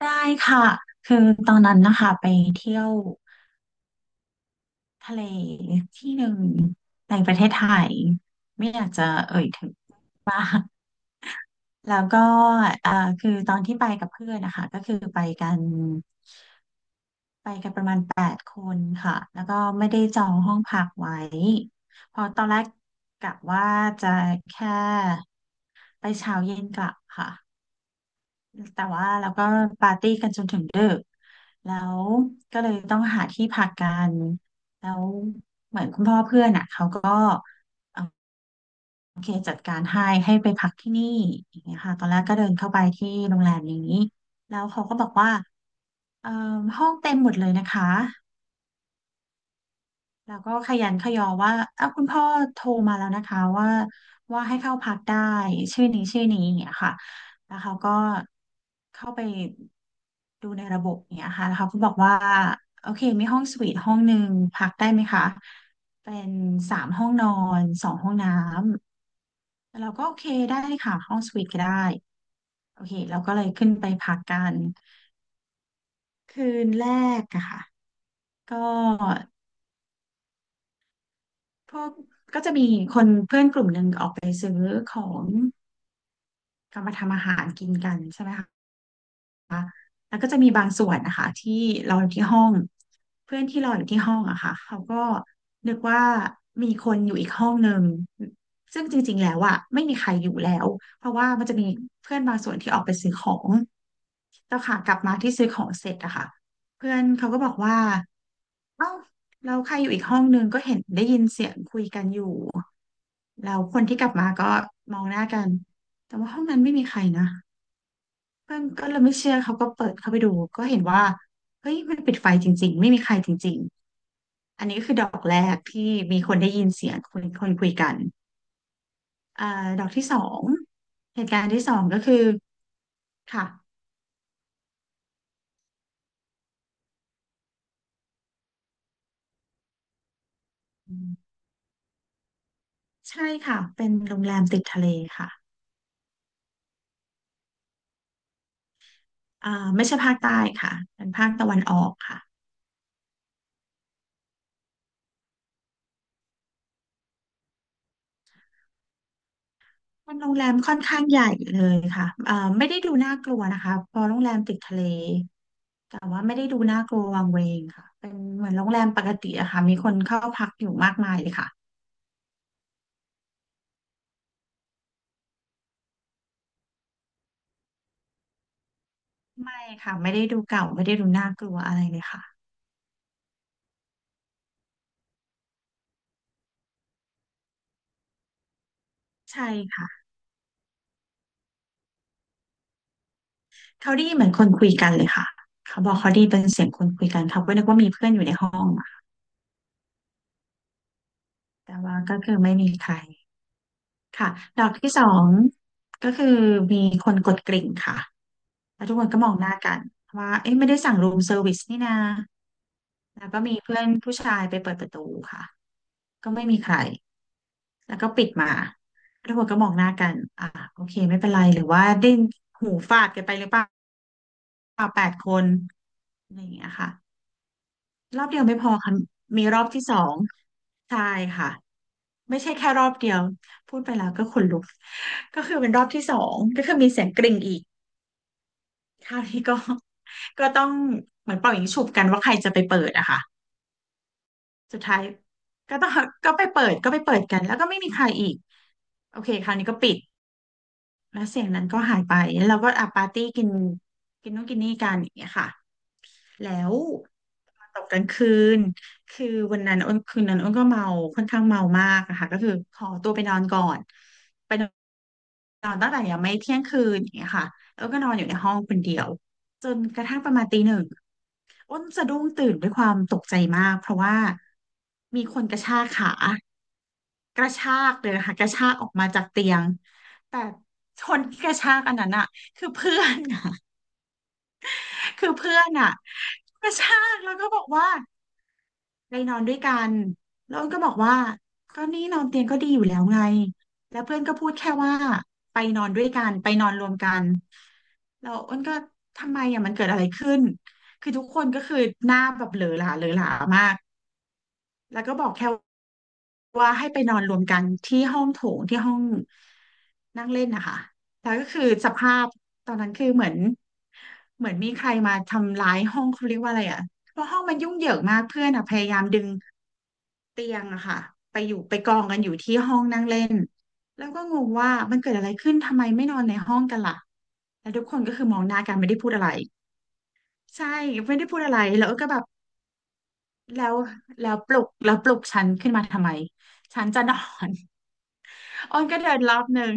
ได้ค่ะคือตอนนั้นนะคะไปเที่ยวทะเลที่หนึ่งในประเทศไทยไม่อยากจะเอ่ยถึงมากแล้วก็เอ่อคือตอนที่ไปกับเพื่อนนะคะก็คือไปกันคนค่ะแล้วก็ไม่ได้จองห้องพักไว้เพอตอนแรกกะว่าจะแค่ไปเช้าเย็นกลับค่ะ แต่ว่าเราก็ปาร์ตี้กันจนถึงดึก แล้วก็เลยต้องหาที่พักกัน แล้วเหมือนคุณพ่อเพื่อนอ่ะเขาก็เอ่อโอเคจัดการให้ไปพักที่นี่อย่างเงี้ยค่ะตอนแรกก็เดินเข้าไปที่โรงแรมนี้แล้วเขาก็บอกว่าเอ่อห้องเต็มหมดเลยนะคะ แล้วก็ขยันขยอว่าอ้าวคุณพ่อโทรมาแล้วนะคะว่าให้เข้าพักได้ชื่อนี้ชื่อนี้อย่างเงี้ยค่ะแล้วเขาก็เข้าไปดูในระบบอย่างเงี้ยค่ะแล้วเขาก็บอกว่าโอเคมีห้องสวีทห้องหนึ่งพักได้ไหมคะเป็นสามห้องนอนสองห้องน้ำแล้วเราก็โอเคได้ค่ะห้องสวีทก็ได้โอเคเราก็เลยขึ้นไปพักกันคืนแรกอะค่ะก็พวกกลับมาทำอาหารกินกันใช่ไหมคะ แล้วก็จะมีบางส่วนนะคะที่เราอยู่ที่ห้องเพื่อนที่เราอยู่ที่ห้องอะค่ะเขาก็นึกว่ามีคนอยู่อีกห้องหนึ่งซึ่งจริงๆแล้วอะไม่มีใครอยู่แล้วเพราะว่ามันจะมีเพื่อนบางส่วนที่ออกไปซื้อของแล้วค่ะกลับมาที่ซื้อของเสร็จอะค่ะเพื่อนเขาก็บอกว่าเอ้าเราใครอยู่อีกเราคนที่กลับมาก็มองหน้ากันแต่ว่าห้องนั้นไม่มีใครนะ เพื่อนก็เลยไม่เชื่อเขาก็เปิดเข้าไปดูก็เห็นว่าเฮ้ยมันปิดไฟจริงๆไม่มีใครจริงๆอันนี้ก็คือดอกแรกที่มีคนได้ยินเสียงคนคุยกันอ่าดอกที่สองเหตุการณ์ที่สองก็คือค่ะอืมใช่ค่ะเป็นโรงแรมติดทะเลค่ะอ่าไม่ใช่ภาคใต้ค่ะเป็นภาคตะวันออกค่ะ มันโรงแรมค่อนข้างใหญ่เลยค่ะไม่ได้ดูน่ากลัวนะคะพอโรงแรมติดทะเลแต่ว่าไม่ได้ดูน่ากลัววังเวงค่ะเป็นเหมือนโรงแรมปกติอะค่ะมีคนเข้าพักอยู่มากมายเลยค่ะ ไม่ค่ะไม่ได้ดูเก่า ไม่ได้ดูน่ากลัวอะไรเลยค่ะใช่ค่ะเขาได้ยินเหมือนคนคุยกันเลยค่ะเขาบอกเขาได้ยินเป็นเสียงคนคุยกันเขาก็นึกว่ามีเพื่อนอยู่ในห้องอะแต่ว่าก็คือไม่มีใครค่ะดอกที่สองก็คือมีคนกดกริ่งค่ะ แล้วทุกคนก็มองหน้ากันว่าเอ๊ะไม่ได้สั่งรูมเซอร์วิสนี่นาแล้วก็มีเพื่อนผู้ชายไปเปิดประตูค่ะก็ไม่มีใครแล้วก็ปิดมาทุกคนก็มองหน้ากันอ่าโอเคไม่เป็นไรหรือว่าได้หูฟาดกันไปหรือเปล่าแปดคนอะไรอย่างเงี้ยค่ะรอบเดียวไม่พอค่ะมีรอบที่สองใช่ค่ะไม่ใช่แค่รอบเดียวพูดไปแล้วก็ขนลุกก็คือเป็นรอบที่สองก็คือมีเสียงกริ่งอีก คราวนี้ก็ ก็ต้องเหมือนเป่ายิงฉุบกันว่าใครจะไปเปิดอะค่ะสุดท้ายก็ต้องก็ไปเปิดกันแล้วก็ไม่มีใครอีกโอเคคราวนี้ก็ปิดแล้วเสียงนั้นก็หายไปแล้วเราก็อ่ะปาร์ตี้กินกินนู่นกินนี่กันอย่างเงี้ยค่ะ แล้วตกกลางคืนคือวันนั้นอ้นคืนนั้นอ้นก็เมาค่อนข้างเมามากอะค่ะก็คือขอตัวไปนอนก่อนไปนอนนอนตั้งแต่ยังไม่เที่ยงคืนอย่างเงี้ยค่ะแล้วก็นอนอยู่ในห้องคนเดียวจนกระทั่งประมาณตีหนึ่งอ้นสะดุ้งตื่นด้วยความตกใจมากเพราะว่ามีคนกระชากขากระชากเลยนะคะกระชากออกมาจากเตียงแต่คนที่กระชากอันนั้นอะคือเพื่อนอะ คือเพื่อนอ่ะกระชากแล้วก็บอกว่าไปนอนด้วยกันแล้วก็บอกว่าก็นี่นอนเตียงก็ดีอยู่แล้วไงแล้วเพื่อนก็พูดแค่ว่าไปนอนด้วยกันไปนอนรวมกันแล้วอ้นก็ทำไมอ่ะมันเกิดอะไรขึ้นคือทุกคนก็คือหน้าแบบเหลอหลาเหลอหลามาก แล้วก็บอกแค่ว่าให้ไปนอนรวมกันที่ห้องโถงที่ห้องนั่งเล่นนะคะแล้วก็คือสภาพตอนนั้นคือเหมือนมีใครมาทำร้ายห้องเขาเรียกว่าอะไรอ่ะเพราะห้องมันยุ่งเหยิงมากเพื่อนอ่ะพยายามดึงเตียงอะค่ะไปอยู่ไปกองกันอยู่ที่ห้องนั่งเล่นแล้วก็งงว่ามันเกิดอะไรขึ้นทำไมไม่นอนในห้องกันล่ะแล้วทุกคนก็คือมองหน้ากันไม่ได้พูดอะไรใช่ไม่ได้พูดอะไรแล้วก็แบบ แล้วแล้วปลุกฉันขึ้นมาทำไมฉันจะนอน อ้อนก็เดินรอบหนึ่ง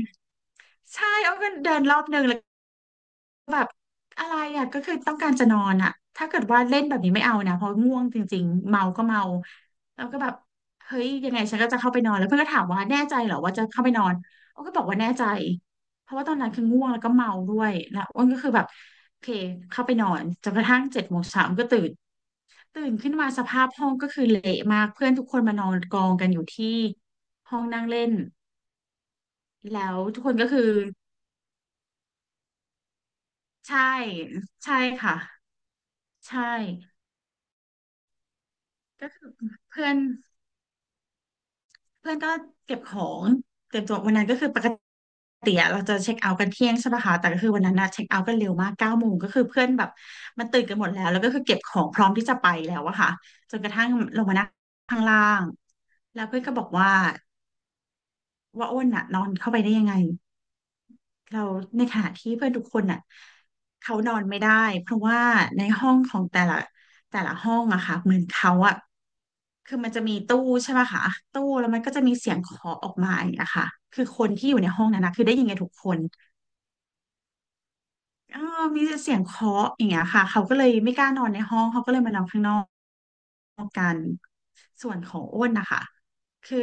ใช่อ้อนก็เดินรอบหนึ่งแล้ว แบบอะไรอ่ะก็คือต้องการจะนอนอ่ะถ้าเกิดว่าเล่นแบบนี้ไม่เอานะเพราะง่วงจริงๆเมาก็เมาแล้วก็แบบเฮ้ยยังไงฉันก็จะเข้าไปนอนแล้วเพื่อนก็ถามว่าแน่ใจเหรอว่าจะเข้าไปนอนอ้นก็บอกว่าแน่ใจเพราะว่าตอนนั้นคือง่วงแล้วก็เมาด้วยแล้วอ้นก็คือแบบโอเคเข้าไปนอนจนกระทั่งเจ็ดโมงเช้าก็ตื่นตื่นขึ้นมาสภาพห้องก็คือเละมากเพื่อนทุกคนมานอนกองกันอยู่ที่ห้องนั่งเล่นแล้วทุกคนก็คือใช่ใช่ค่ะใช่ ก็คือเพื่อนเพื่อนก็เก็บของเก็บตัววันนั้นก็คือปกติอะเราจะเช็คเอาท์กันเที่ยงใช่ปะคะแต่ก็คือวันนั้นนะเช็คเอาท์กันเร็วมากเก้าโมงก็คือเพื่อนแบบมันตื่นกันหมดแล้วแล้วก็คือเก็บของพร้อมที่จะไปแล้วอะค่ะจนกระทั่งลงมานั่งข้างล่างแล้วเพื่อนก็บอกว่าว่าอ้นอะนอนเข้าไปได้ยังไงเราในขณะที่เพื่อนทุกคนอะเขานอนไม่ได้เพราะว่าในห้องของแต่ละห้องอะค่ะเหมือนเขาอะ คือมันจะมีตู้ใช่ไหมคะตู้แล้วมันก็จะมีเสียงเคาะออกมาอย่างเงี้ยค่ะคือคนที่อยู่ในห้องนั้นนะคือได้ยินกันทุกคน เออมีเสียงเคาะอย่างเงี้ยค่ะเขาก็เลยไม่กล้านอนในห้องเขาก็เลยมานอนข้างนอกกันส่วนของอ้นนะคะคือ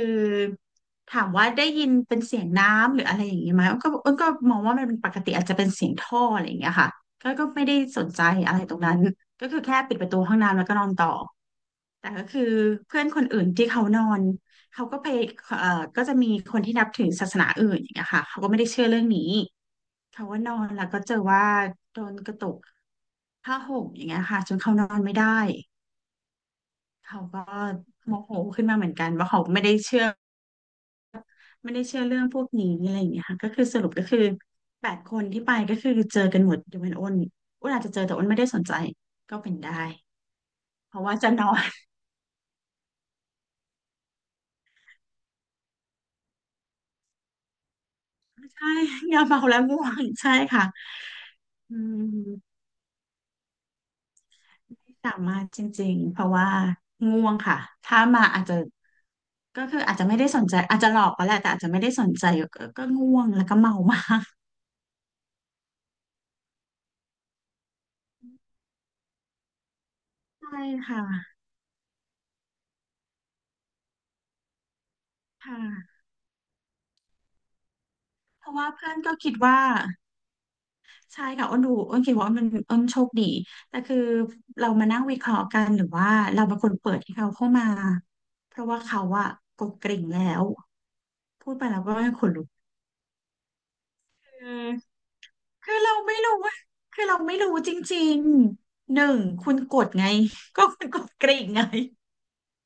ถามว่าได้ยินเป็นเสียงน้ำหรืออะไรอย่างนี้ไหมอ้นก็มองว่ามันเป็นปกติอาจจะเป็นเสียงท่ออะไรอย่างเงี้ยค่ะก็ไม่ได้สนใจอะไรตรงนั้นก็คือแค่ปิดประตูห้องน้ำแล้วก็นอนต่อแต่ก็คือเพื่อนคนอื่นที่เขานอนเขาก็ไปเอ่อก็จะมีคนที่นับถือศาสนาอื่นอย่างเงี้ยค่ะเขาก็ไม่ได้เชื่อเรื่องนี้ เขาว่านอนแล้วก็เจอว่าโดนกระตุกผ้าห่มอย่างเงี้ยค่ะจนเขานอนไม่ได้เขาก็โมโหขึ้นมาเหมือนกันว่าเขาไม่ได้เชื่อเรื่องพวกนี้อะไรอย่างเงี้ยค่ะก็คือสรุปก็คือแปดคนที่ไปก็คือเจอกันหมดยกเว้นอ้นอ้นอาจจะเจอแต่อ้นไม่ได้สนใจก็เป็นได้เพราะว่าจะนอน ใช่อย่าเมาแล้วง่วงใช่ค่ะอืม สามารถจริงๆเพราะว่าง่วงค่ะถ้ามาอาจจะก็คืออาจจะไม่ได้สนใจอาจจะหลอกก็แหละแต่อาจจะไม่ได้สนใจก็ง่วงแล้วก็เมามากใช่ค่ะค่ะเพราะว่าเพื่อนก็คิดว่าใช่ค่ะอ้นดูอ้นคิดว่าอ้นเป็นอ้นโชคดีแต่คือเรามานั่งวิเคราะห์กันหรือว่าเราเป็นคนเปิดให้เขาเข้ามาเพราะว่าเขาอะกดกริ่งแล้วพูดไปแล้วก็ขนลุกคือ คือเราไม่รู้ว่าคือเราไม่รู้จริงๆหนึ่งคุณกดไง ก็คุณกดกริ่งไง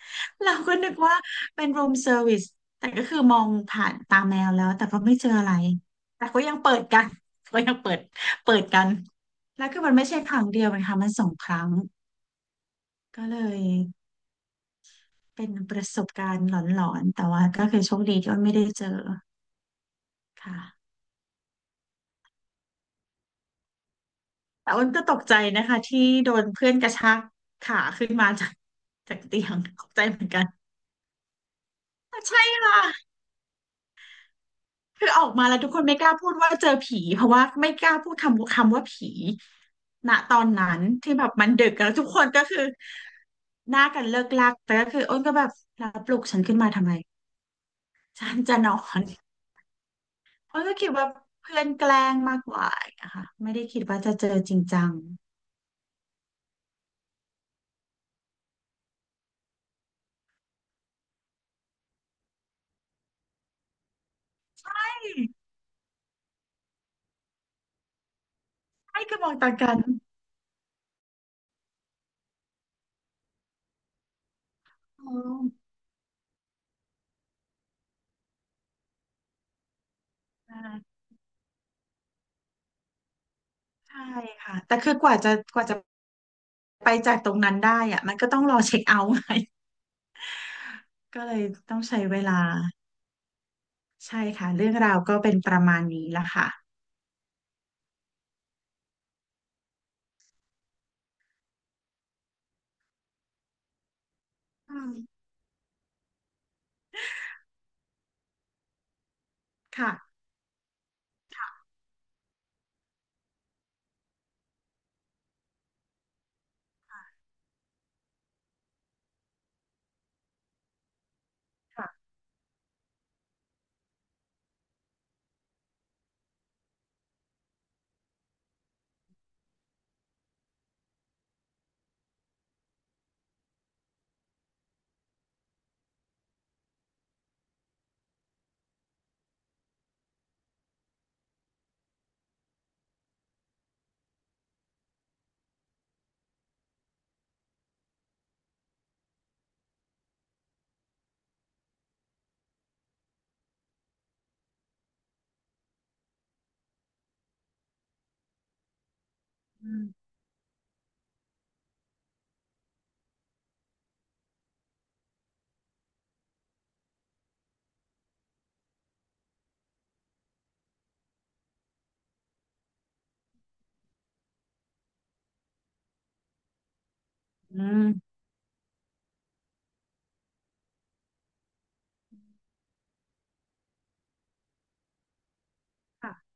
เราก็นึกว่าเป็นรูมเซอร์วิสแต่ก็คือมองผ่านตาแมวแล้วแต่ก็ไม่เจออะไรแต่ก็ยังเปิดกัน ก็ยังเปิดเปิดกันแล้วคือมันไม่ใช่ครั้งเดียวนะคะมันสองครั้งก็เลยเป็นประสบการณ์หลอนๆแต่ว่าก็คือโชคดีที่ว่าไม่ได้เจอค่ะ แต่อ้นก็ตกใจนะคะที่โดนเพื่อนกระชากขาขึ้นมาจากจากเตียงตกใจเหมือนกันใช่ค่ะคือออกมาแล้วทุกคนไม่กล้าพูดว่าเจอผีเพราะว่าไม่กล้าพูดคำว่าผีณตอนนั้นที่แบบมันดึกแล้วทุกคนก็คือหน้ากันเลิกลักแต่ก็คืออ้นก็แบบแล้วปลุกฉันขึ้นมาทำไมฉันจะนอนอ้นก็คิดว่าเพื่อนแกล้งมากกว่านะคะไม่ได้คิดว่าจะเจอจริงจังให้กระบอกตากันอ๋อ ใช่ค่ะแต่คือกว่าจะไปจากตรงนั้นได้อะมันก็ต้องรอเช็คเอาท์ไง ก็เลยต้องใช้เวลาใช่ค่ะเรื่องราวก็เป็นประมาณนี้ละค่ะอืมค่ะค่ะอืมอืมค่ะ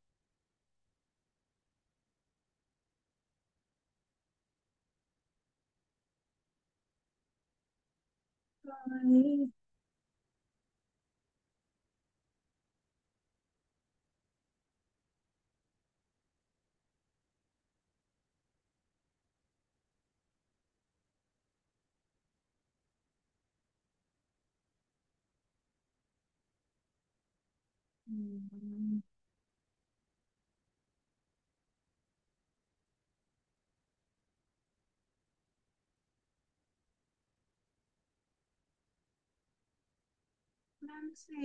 เอ้ยอืมนั่นสิ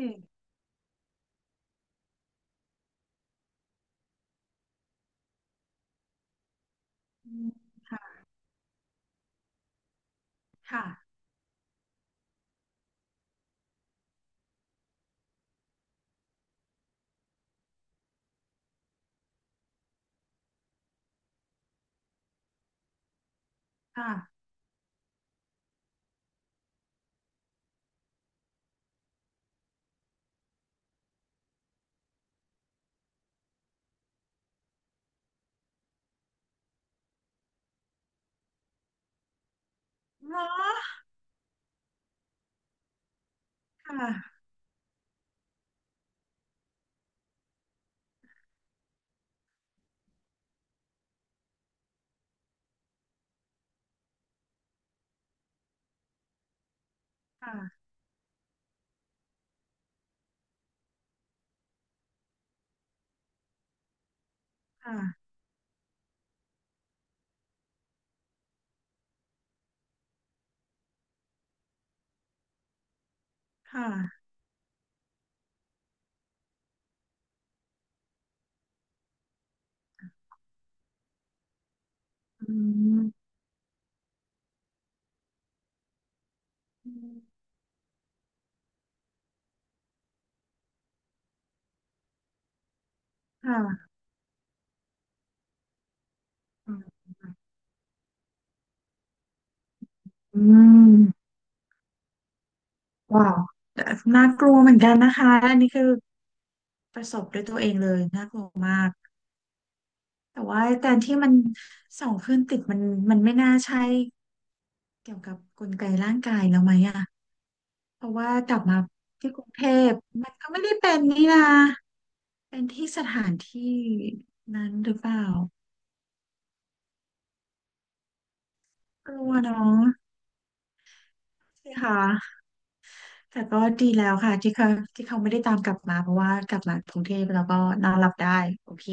อืมค่ะค่ะค่ะเนาะค่ะค่ะค่ะค่ะอืมอืมค่ะอืมอืมว้าวแต่น่ากลัวเหมือนกันนะคะอันนี้คือ ประสบด้วยตัวเองเลยน่ากลัวมากแต่ว่าแต่ที่มันส่องขึ้นติดมันมันไม่น่าใช่เกี่ยวกับกลไกร่างกายแล้วไหมอะเพราะว่ากลับมาที่กรุงเทพมันก็ไม่ได้เป็นนี่นะเป็นที่สถานที่นั้นหรือเปล่ากลัวเน้องใช่ค่ะแต่ก็ดีแล้วค่ะที่เขาไม่ได้ตามกลับมาเพราะว่ากลับมากรุงเทพแล้วก็นอนหลับได้โอเค